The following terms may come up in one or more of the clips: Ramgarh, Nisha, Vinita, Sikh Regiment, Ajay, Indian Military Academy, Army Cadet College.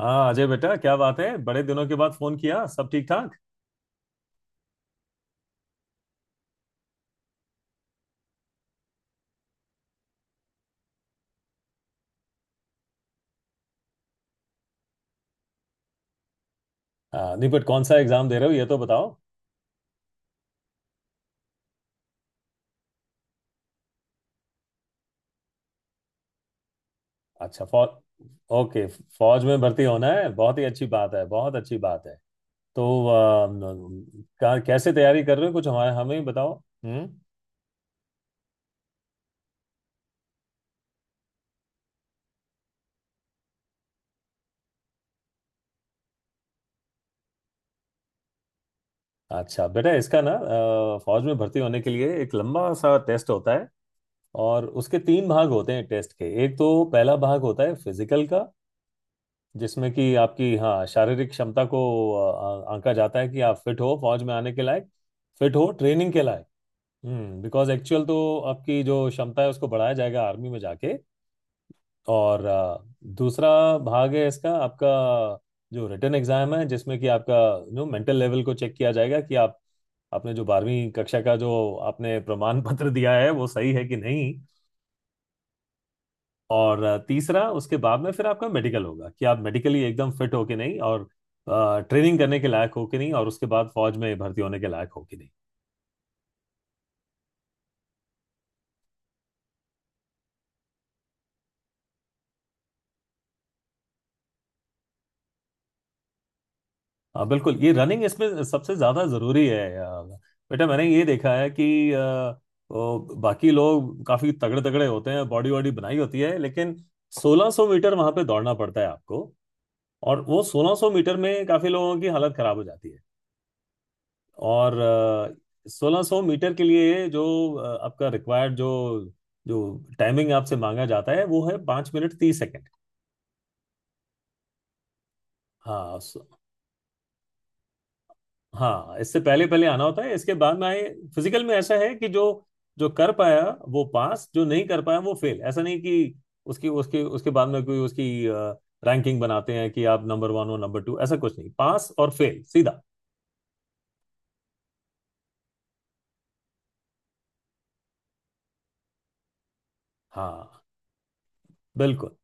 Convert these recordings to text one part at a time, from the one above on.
हाँ अजय बेटा, क्या बात है? बड़े दिनों के बाद फोन किया, सब ठीक ठाक? हाँ, नहीं बट कौन सा एग्जाम दे रहे हो ये तो बताओ। अच्छा, फौज। ओके। फौज में भर्ती होना है, बहुत ही अच्छी बात है, बहुत अच्छी बात है। तो आ, न- का, कैसे तैयारी कर रहे हो कुछ हमारे हमें ही बताओ। हम्म। अच्छा बेटा, इसका फौज में भर्ती होने के लिए एक लंबा सा टेस्ट होता है। और उसके तीन भाग होते हैं टेस्ट के। एक तो पहला भाग होता है फिजिकल का, जिसमें कि आपकी हाँ शारीरिक क्षमता को आंका जाता है कि आप फिट हो फौज में आने के लायक, फिट हो ट्रेनिंग के लायक। हम्म। बिकॉज एक्चुअल तो आपकी जो क्षमता है उसको बढ़ाया जाएगा आर्मी में जाके। और अ, दूसरा भाग है इसका आपका, जो रिटन एग्जाम है, जिसमें कि आपका नो मेंटल लेवल को चेक किया जाएगा कि आप, आपने जो बारहवीं कक्षा का जो आपने प्रमाण पत्र दिया है वो सही है कि नहीं। और तीसरा, उसके बाद में फिर आपका मेडिकल होगा कि आप मेडिकली एकदम फिट हो कि नहीं और ट्रेनिंग करने के लायक हो कि नहीं और उसके बाद फौज में भर्ती होने के लायक हो कि नहीं। बिल्कुल, ये रनिंग इसमें सबसे ज्यादा जरूरी है। बेटा, मैंने ये देखा है कि वो बाकी लोग काफी तगड़े तगड़े होते हैं, बॉडी वॉडी बनाई होती है, लेकिन 1600 मीटर वहां पे दौड़ना पड़ता है आपको। और वो 1600 मीटर में काफी लोगों की हालत खराब हो जाती है। और सोलह सौ मीटर के लिए जो आपका रिक्वायर्ड जो जो टाइमिंग आपसे मांगा जाता है वो है 5 मिनट 30 सेकंड। हाँ सो- हाँ, इससे पहले पहले आना होता है, इसके बाद में आए। फिजिकल में ऐसा है कि जो जो कर पाया वो पास, जो नहीं कर पाया वो फेल। ऐसा नहीं कि उसकी उसके उसके बाद में कोई उसकी रैंकिंग बनाते हैं कि आप नंबर वन हो नंबर टू, ऐसा कुछ नहीं, पास और फेल सीधा। हाँ, बिल्कुल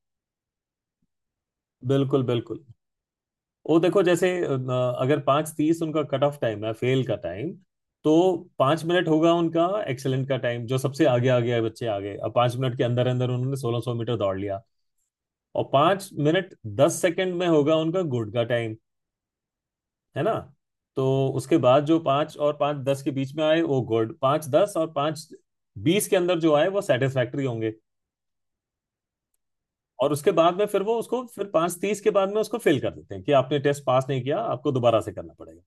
बिल्कुल बिल्कुल। वो देखो, जैसे अगर पाँच तीस उनका कट ऑफ टाइम है, फेल का टाइम। तो 5 मिनट होगा उनका एक्सेलेंट का टाइम, जो सबसे आगे आगे आए बच्चे आगे, अब पाँच मिनट के अंदर अंदर उन्होंने 1600 मीटर दौड़ लिया। और 5 मिनट 10 सेकंड में होगा उनका गुड का टाइम, है ना। तो उसके बाद जो पाँच और पाँच दस के बीच में आए वो गुड, पाँच दस और पाँच बीस के अंदर जो आए वो सेटिस्फैक्ट्री होंगे। और उसके बाद में फिर वो उसको फिर पाँच तीस के बाद में उसको फेल कर देते हैं कि आपने टेस्ट पास नहीं किया, आपको दोबारा से करना पड़ेगा।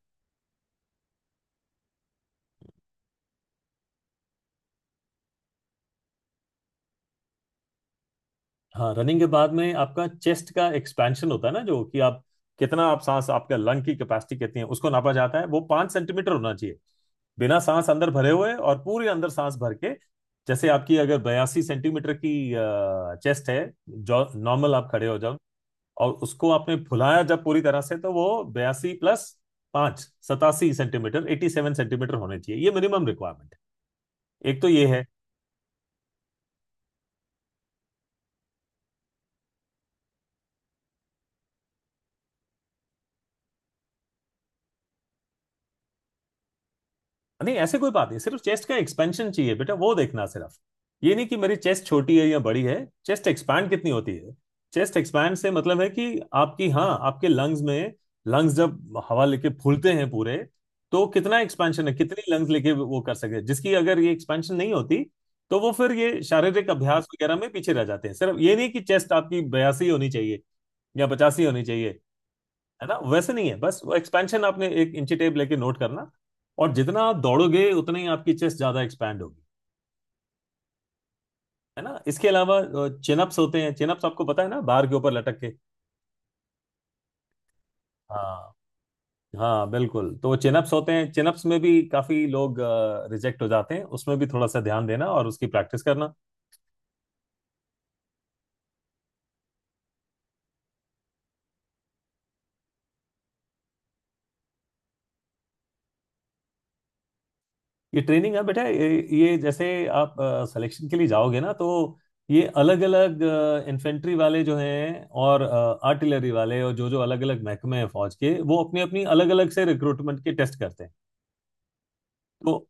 हाँ, रनिंग के बाद में आपका चेस्ट का एक्सपेंशन होता है ना, जो कि आप कितना आप सांस, आपका लंग की कैपेसिटी कितनी है उसको नापा जाता है। वो 5 सेंटीमीटर होना चाहिए, बिना सांस अंदर भरे हुए और पूरे अंदर सांस भर के। जैसे आपकी अगर 82 सेंटीमीटर की चेस्ट है, जो नॉर्मल आप खड़े हो जाओ, और उसको आपने फुलाया जब पूरी तरह से तो वो बयासी प्लस पांच, 87 सेंटीमीटर, 87 सेंटीमीटर होने चाहिए, ये मिनिमम रिक्वायरमेंट। एक तो ये है। नहीं, ऐसे कोई बात नहीं, सिर्फ चेस्ट का एक्सपेंशन चाहिए बेटा, वो देखना सिर्फ। ये नहीं कि मेरी चेस्ट छोटी है या बड़ी है, चेस्ट एक्सपैंड कितनी होती है। चेस्ट एक्सपैंड से मतलब है कि आपकी हाँ आपके लंग्स जब हवा लेके फूलते हैं पूरे, तो कितना एक्सपेंशन है, कितनी लंग्स लेके वो कर सके। जिसकी अगर ये एक्सपेंशन नहीं होती तो वो फिर ये शारीरिक अभ्यास वगैरह में पीछे रह जाते हैं। सिर्फ ये नहीं कि चेस्ट आपकी 82 होनी चाहिए या 85 होनी चाहिए, है ना, वैसे नहीं है। बस वो एक्सपेंशन आपने एक इंची टेप लेके नोट करना। और जितना आप दौड़ोगे उतने ही आपकी चेस्ट ज्यादा एक्सपैंड होगी, है ना। इसके अलावा चिनअप्स होते हैं। चिनअप्स आपको पता है ना, बार के ऊपर लटक के। हाँ हाँ, बिल्कुल। तो वो चिनअप्स होते हैं। चिनअप्स में भी काफी लोग रिजेक्ट हो जाते हैं, उसमें भी थोड़ा सा ध्यान देना और उसकी प्रैक्टिस करना। ये ट्रेनिंग है बेटा, ये जैसे आप सिलेक्शन के लिए जाओगे ना, तो ये अलग अलग इन्फेंट्री वाले जो हैं, और आर्टिलरी वाले, और जो जो अलग अलग महकमे हैं फौज के वो अपनी अपनी अलग अलग से रिक्रूटमेंट के टेस्ट करते हैं। तो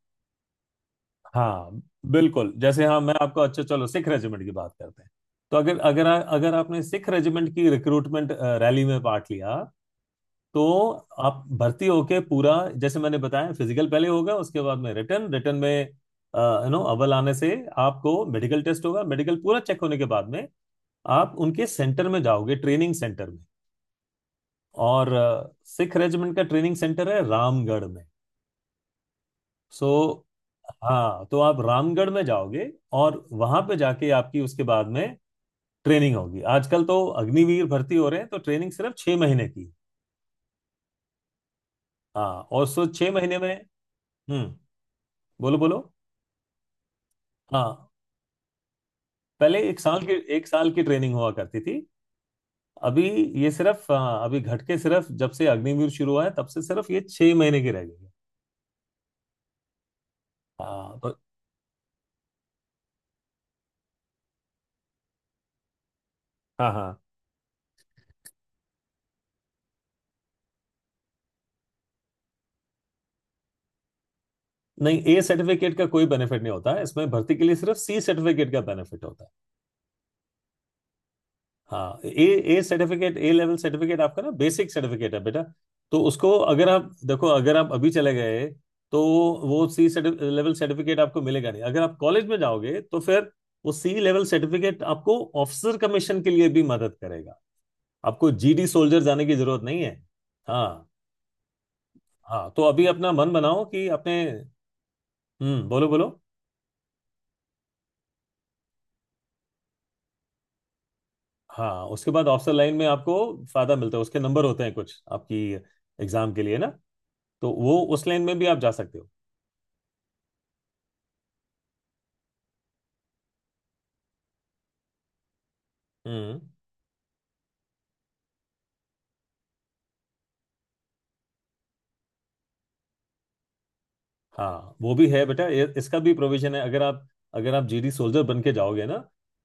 हाँ, बिल्कुल। जैसे हाँ मैं आपको, अच्छा चलो सिख रेजिमेंट की बात करते हैं। तो अगर अगर आ- अगर आपने सिख रेजिमेंट की रिक्रूटमेंट रैली में पार्ट लिया, तो आप भर्ती होके पूरा, जैसे मैंने बताया, फिजिकल पहले होगा, उसके बाद में रिटर्न रिटर्न में अव्वल आने से आपको मेडिकल टेस्ट होगा। मेडिकल पूरा चेक होने के बाद में आप उनके सेंटर में जाओगे, ट्रेनिंग सेंटर में। और सिख रेजिमेंट का ट्रेनिंग सेंटर है रामगढ़ में। सो हाँ, तो आप रामगढ़ में जाओगे और वहां पे जाके आपकी उसके बाद में ट्रेनिंग होगी। आजकल तो अग्निवीर भर्ती हो रहे हैं, तो ट्रेनिंग सिर्फ 6 महीने की। हाँ, और सो 6 महीने में, हम्म। बोलो बोलो। हाँ, पहले 1 साल की, 1 साल की ट्रेनिंग हुआ करती थी। अभी ये सिर्फ अभी घट के सिर्फ, जब से अग्निवीर शुरू हुआ है तब से सिर्फ ये 6 महीने की रह गई है। हाँ तो, हाँ हाँ। नहीं, ए सर्टिफिकेट का कोई बेनिफिट नहीं होता है इसमें भर्ती के लिए, सिर्फ सी सर्टिफिकेट का बेनिफिट होता है। हाँ, A, A certificate, A level certificate आपका ना बेसिक सर्टिफिकेट है बेटा। तो उसको अगर आप देखो, अगर आप अभी चले गए तो वो सी लेवल सर्टिफिकेट आपको मिलेगा नहीं। अगर आप कॉलेज में जाओगे तो फिर वो सी लेवल सर्टिफिकेट आपको ऑफिसर कमीशन के लिए भी मदद करेगा, आपको जीडी सोल्जर जाने की जरूरत नहीं है। हाँ। हाँ तो अभी अपना मन बनाओ कि अपने, हम्म। बोलो बोलो। हाँ, उसके बाद ऑफिसर लाइन में आपको फायदा मिलता है, उसके नंबर होते हैं कुछ आपकी एग्जाम के लिए ना, तो वो उस लाइन में भी आप जा सकते हो। हम्म। हाँ, वो भी है बेटा, ये इसका भी प्रोविजन है। अगर आप जीडी सोल्जर बन के जाओगे ना,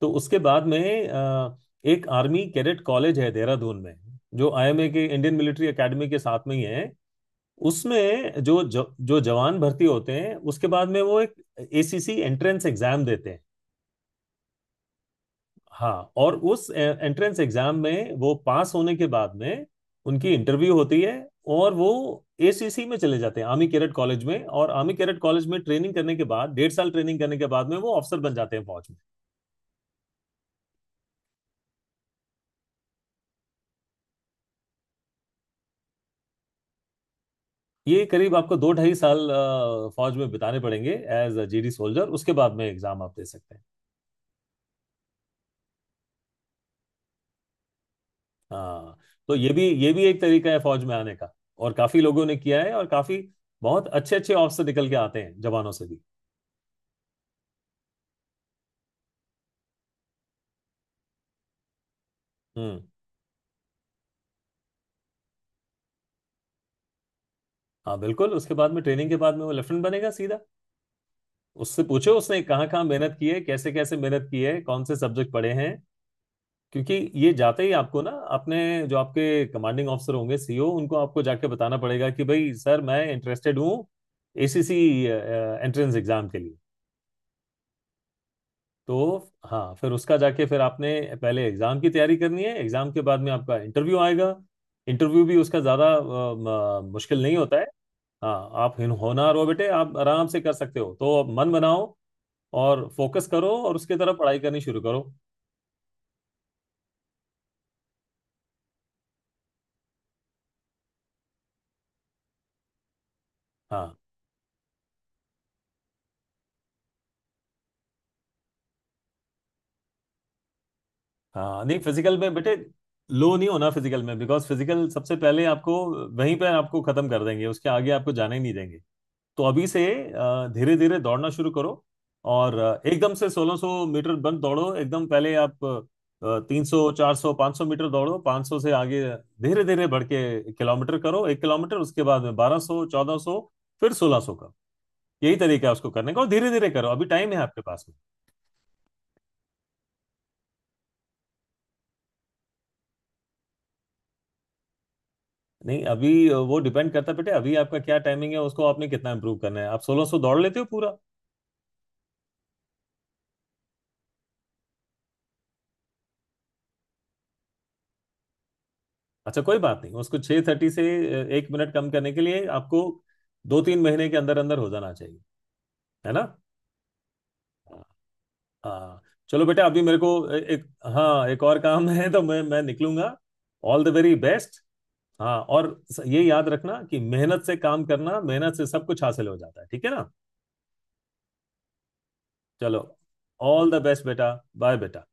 तो उसके बाद में एक आर्मी कैडेट कॉलेज है देहरादून में, जो आईएमए के, इंडियन मिलिट्री एकेडमी के साथ में ही है। उसमें जो जो, जो जवान भर्ती होते हैं उसके बाद में वो एक एसीसी एंट्रेंस एग्जाम देते हैं। हाँ, और उस एंट्रेंस एग्जाम में वो पास होने के बाद में उनकी इंटरव्यू होती है। और वो एसीसी में चले जाते हैं, आर्मी कैडेट कॉलेज में। और आर्मी कैडेट कॉलेज में ट्रेनिंग करने के बाद, 1.5 साल ट्रेनिंग करने के बाद में वो अफसर बन जाते हैं फौज में। ये करीब आपको 2-2.5 साल फौज में बिताने पड़ेंगे एज अ जीडी सोल्जर, उसके बाद में एग्जाम आप दे सकते हैं। हाँ, तो ये भी एक तरीका है फौज में आने का, और काफी लोगों ने किया है, और काफी बहुत अच्छे अच्छे ऑफिसर निकल के आते हैं जवानों से भी। हम्म। हाँ बिल्कुल, उसके बाद में, ट्रेनिंग के बाद में वो लेफ्टिनेंट बनेगा सीधा। उससे पूछो उसने कहाँ कहाँ मेहनत की है, कैसे कैसे मेहनत की है, कौन से सब्जेक्ट पढ़े हैं। क्योंकि ये जाते ही आपको ना, अपने जो आपके कमांडिंग ऑफिसर होंगे सीईओ उनको आपको जाके बताना पड़ेगा कि भाई सर, मैं इंटरेस्टेड हूँ एसीसी एंट्रेंस एग्जाम के लिए। तो हाँ, फिर उसका जाके फिर आपने पहले एग्जाम की तैयारी करनी है, एग्जाम के बाद में आपका इंटरव्यू आएगा। इंटरव्यू भी उसका ज़्यादा मुश्किल नहीं होता है। हाँ, आप होनहार हो बेटे, आप आराम से कर सकते हो, तो अब मन बनाओ और फोकस करो और उसके तरफ पढ़ाई करनी शुरू करो। हाँ, हाँ। नहीं, फिजिकल में बेटे लो नहीं होना, फिजिकल में बिकॉज फिजिकल सबसे पहले आपको वहीं पे आपको खत्म कर देंगे, उसके आगे आपको जाने ही नहीं देंगे। तो अभी से धीरे धीरे दौड़ना शुरू करो। और एकदम से 1600 मीटर बंद दौड़ो, एकदम, पहले आप 300 400 500 मीटर दौड़ो, 500 से आगे धीरे धीरे बढ़ के किलोमीटर करो, 1 किलोमीटर, उसके बाद में 1200 1400, फिर 1600 का। यही तरीका है उसको करने का, और धीरे धीरे करो, अभी टाइम है आपके पास में। नहीं, अभी वो डिपेंड करता है बेटे, अभी आपका क्या टाइमिंग है उसको आपने कितना इंप्रूव करना है। आप 1600 दौड़ लेते हो पूरा? अच्छा, कोई बात नहीं, उसको 6:30 से 1 मिनट कम करने के लिए आपको 2-3 महीने के अंदर अंदर हो जाना चाहिए, है ना। हाँ, चलो बेटा, अभी मेरे को एक, हाँ, एक और काम है तो मैं निकलूंगा। All the very best. हाँ और ये याद रखना कि मेहनत से काम करना, मेहनत से सब कुछ हासिल हो जाता है, ठीक है ना। चलो, ऑल द बेस्ट बेटा, बाय बेटा।